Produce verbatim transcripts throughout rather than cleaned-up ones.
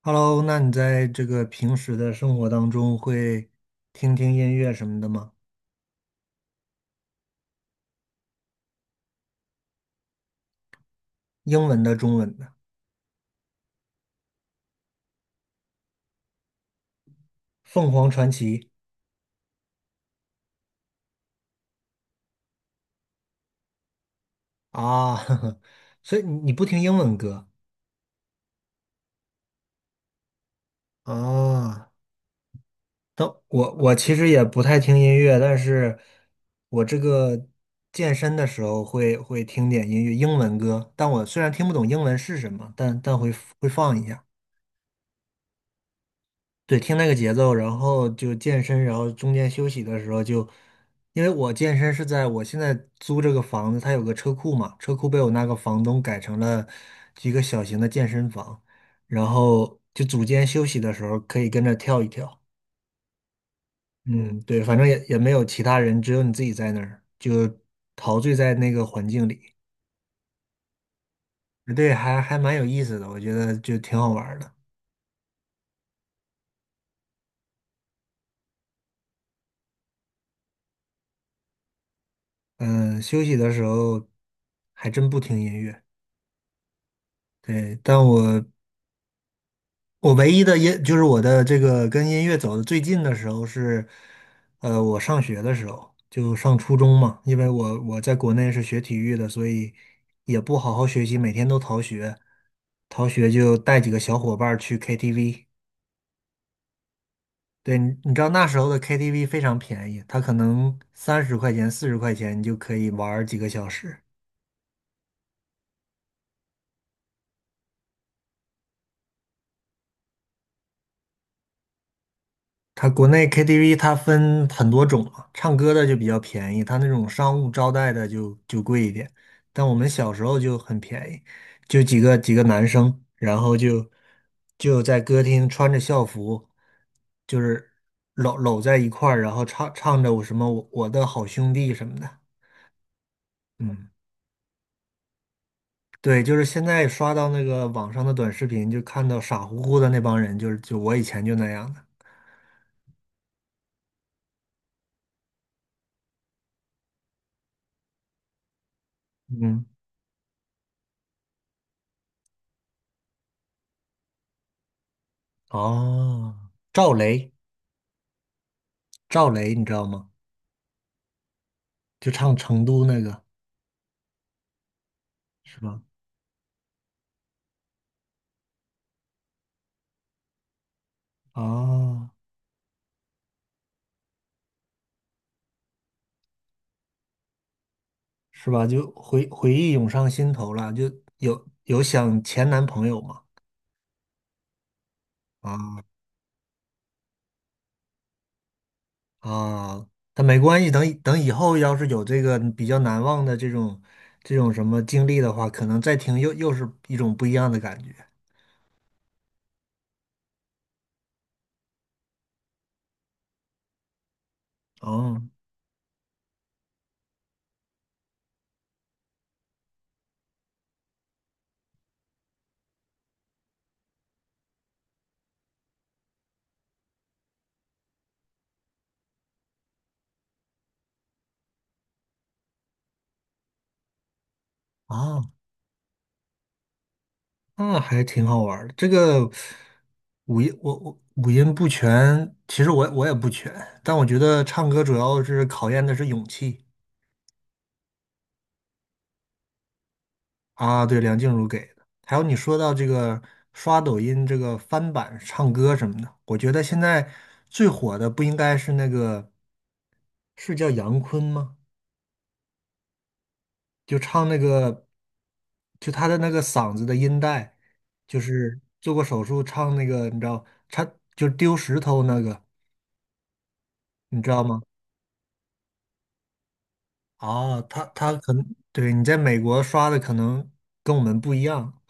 Hello，那你在这个平时的生活当中会听听音乐什么的吗？英文的、中文的，凤凰传奇啊，呵呵，所以你你不听英文歌啊？但我我其实也不太听音乐，但是我这个健身的时候会会听点音乐，英文歌。但我虽然听不懂英文是什么，但但会会放一下。对，听那个节奏，然后就健身，然后中间休息的时候就，因为我健身是在我现在租这个房子，它有个车库嘛，车库被我那个房东改成了一个小型的健身房，然后就组间休息的时候可以跟着跳一跳。嗯，对，反正也也没有其他人，只有你自己在那儿，就陶醉在那个环境里。呃对，还还蛮有意思的，我觉得就挺好玩儿的。嗯，休息的时候还真不听音乐。对，但我我唯一的音就是我的这个跟音乐走的最近的时候是，呃，我上学的时候就上初中嘛，因为我我在国内是学体育的，所以也不好好学习，每天都逃学，逃学就带几个小伙伴儿去 K T V。对，你你知道那时候的 K T V 非常便宜，它可能三十块钱、四十块钱你就可以玩儿几个小时。它国内 K T V 它分很多种啊，唱歌的就比较便宜，它那种商务招待的就就贵一点。但我们小时候就很便宜，就几个几个男生，然后就就在歌厅穿着校服，就是搂搂在一块儿，然后唱唱着我什么我我的好兄弟什么的。嗯，对，就是现在刷到那个网上的短视频，就看到傻乎乎的那帮人，就是就我以前就那样的。嗯，哦，赵雷。赵雷，你知道吗？就唱《成都》那个，是吧？啊，是吧？就回回忆涌上心头了，就有有想前男朋友嘛？啊啊，但没关系，等以等以后要是有这个比较难忘的这种这种什么经历的话，可能再听又又是一种不一样的感觉。哦啊，那还挺好玩儿的。这个五音我我五音不全，其实我我也不全，但我觉得唱歌主要是考验的是勇气。啊，对，梁静茹给的。还有你说到这个刷抖音这个翻版唱歌什么的，我觉得现在最火的不应该是那个，是叫杨坤吗？就唱那个，就他的那个嗓子的音带，就是做过手术唱那个，你知道，他就丢石头那个，你知道吗？啊，他他可能对你在美国刷的可能跟我们不一样，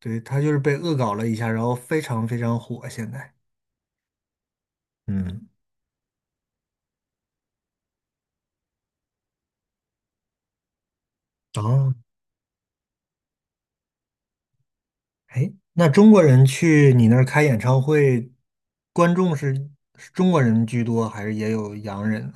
对，他就是被恶搞了一下，然后非常非常火现在。嗯。哦，哎，那中国人去你那儿开演唱会，观众是是中国人居多，还是也有洋人呢？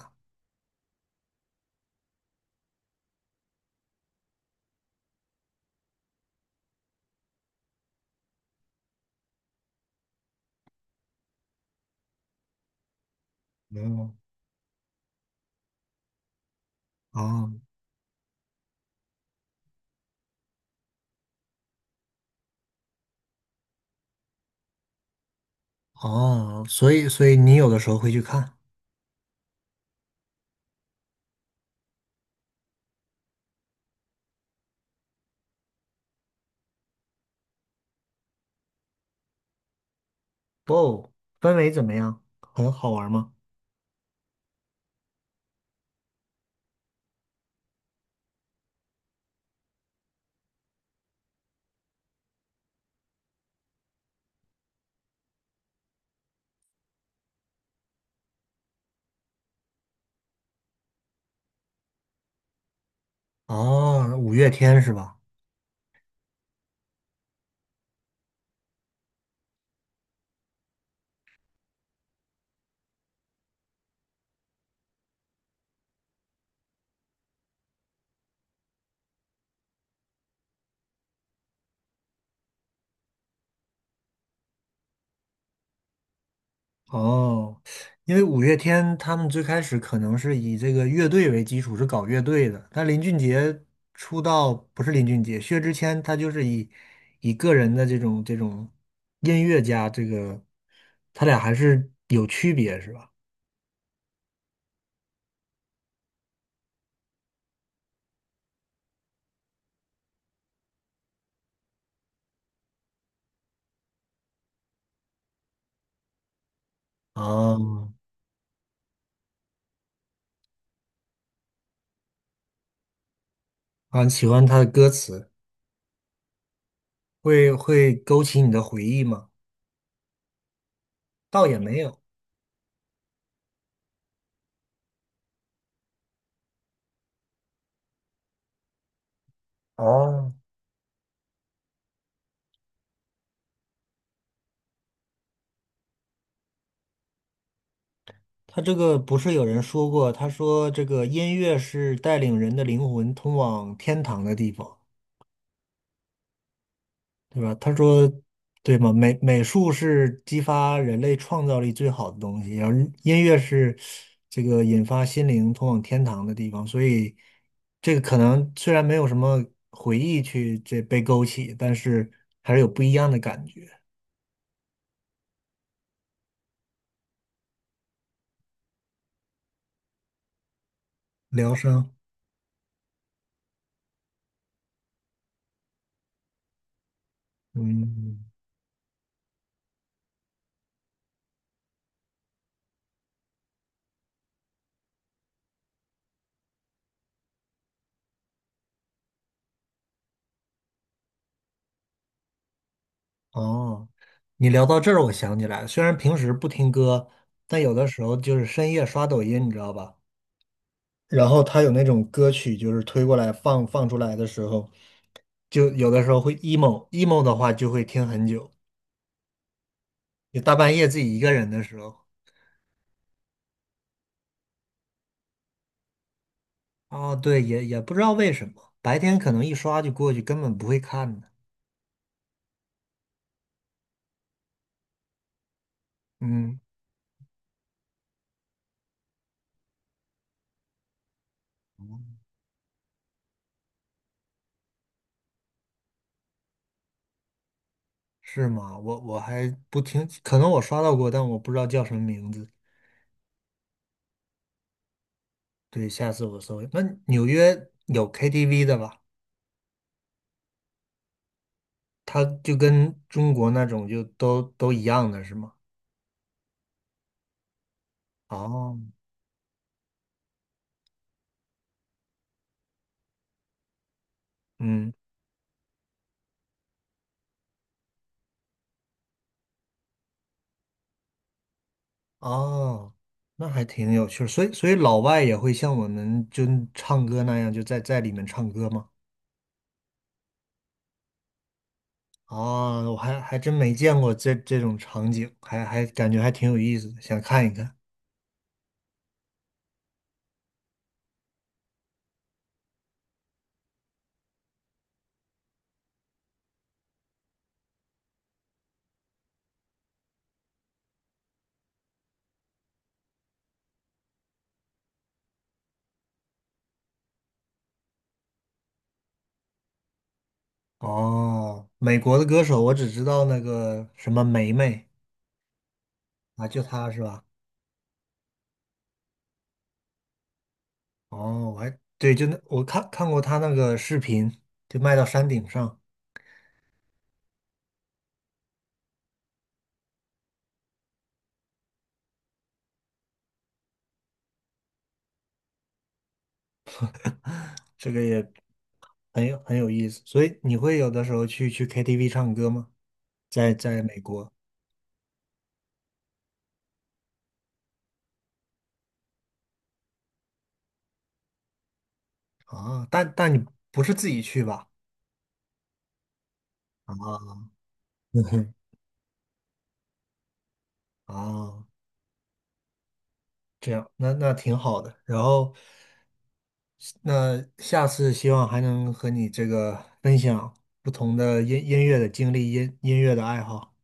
哦，哦，哦，所以所以你有的时候会去看，哦，氛围怎么样？很好玩吗？哦，五月天是吧？哦，因为五月天他们最开始可能是以这个乐队为基础，是搞乐队的。但林俊杰出道不是林俊杰，薛之谦他就是以以个人的这种这种音乐家，这个他俩还是有区别，是吧？哦，啊，喜欢他的歌词，会会勾起你的回忆吗？倒也没有。哦，他这个不是有人说过，他说这个音乐是带领人的灵魂通往天堂的地方。对吧？他说，对吗？美美术是激发人类创造力最好的东西，然后音乐是这个引发心灵通往天堂的地方，所以这个可能虽然没有什么回忆去这被勾起，但是还是有不一样的感觉。疗伤，嗯，哦，你聊到这儿，我想起来了，虽然平时不听歌，但有的时候就是深夜刷抖音，你知道吧？然后他有那种歌曲，就是推过来放放出来的时候，就有的时候会 emo emo 的话，就会听很久。就大半夜自己一个人的时候，哦，对，也也不知道为什么，白天可能一刷就过去，根本不会看的。嗯，是吗？我我还不听，可能我刷到过，但我不知道叫什么名字。对，下次我搜一下那纽约有 K T V 的吧？它就跟中国那种就都都一样的是吗？哦，嗯。哦，那还挺有趣儿所以所以老外也会像我们就唱歌那样，就在在里面唱歌吗？啊，我还还真没见过这这种场景，还还感觉还挺有意思的，想看一看。哦，美国的歌手我只知道那个什么梅梅啊，就她是吧？哦，我还对，就那我看看过她那个视频，就卖到山顶上，这个也很有很有意思。所以你会有的时候去去 K T V 唱歌吗？在在美国。啊，但但你不是自己去吧？啊，嗯哼，啊，这样，那那挺好的。然后，那下次希望还能和你这个分享不同的音音乐的经历、音音乐的爱好。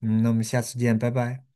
嗯，那我们下次见，拜拜。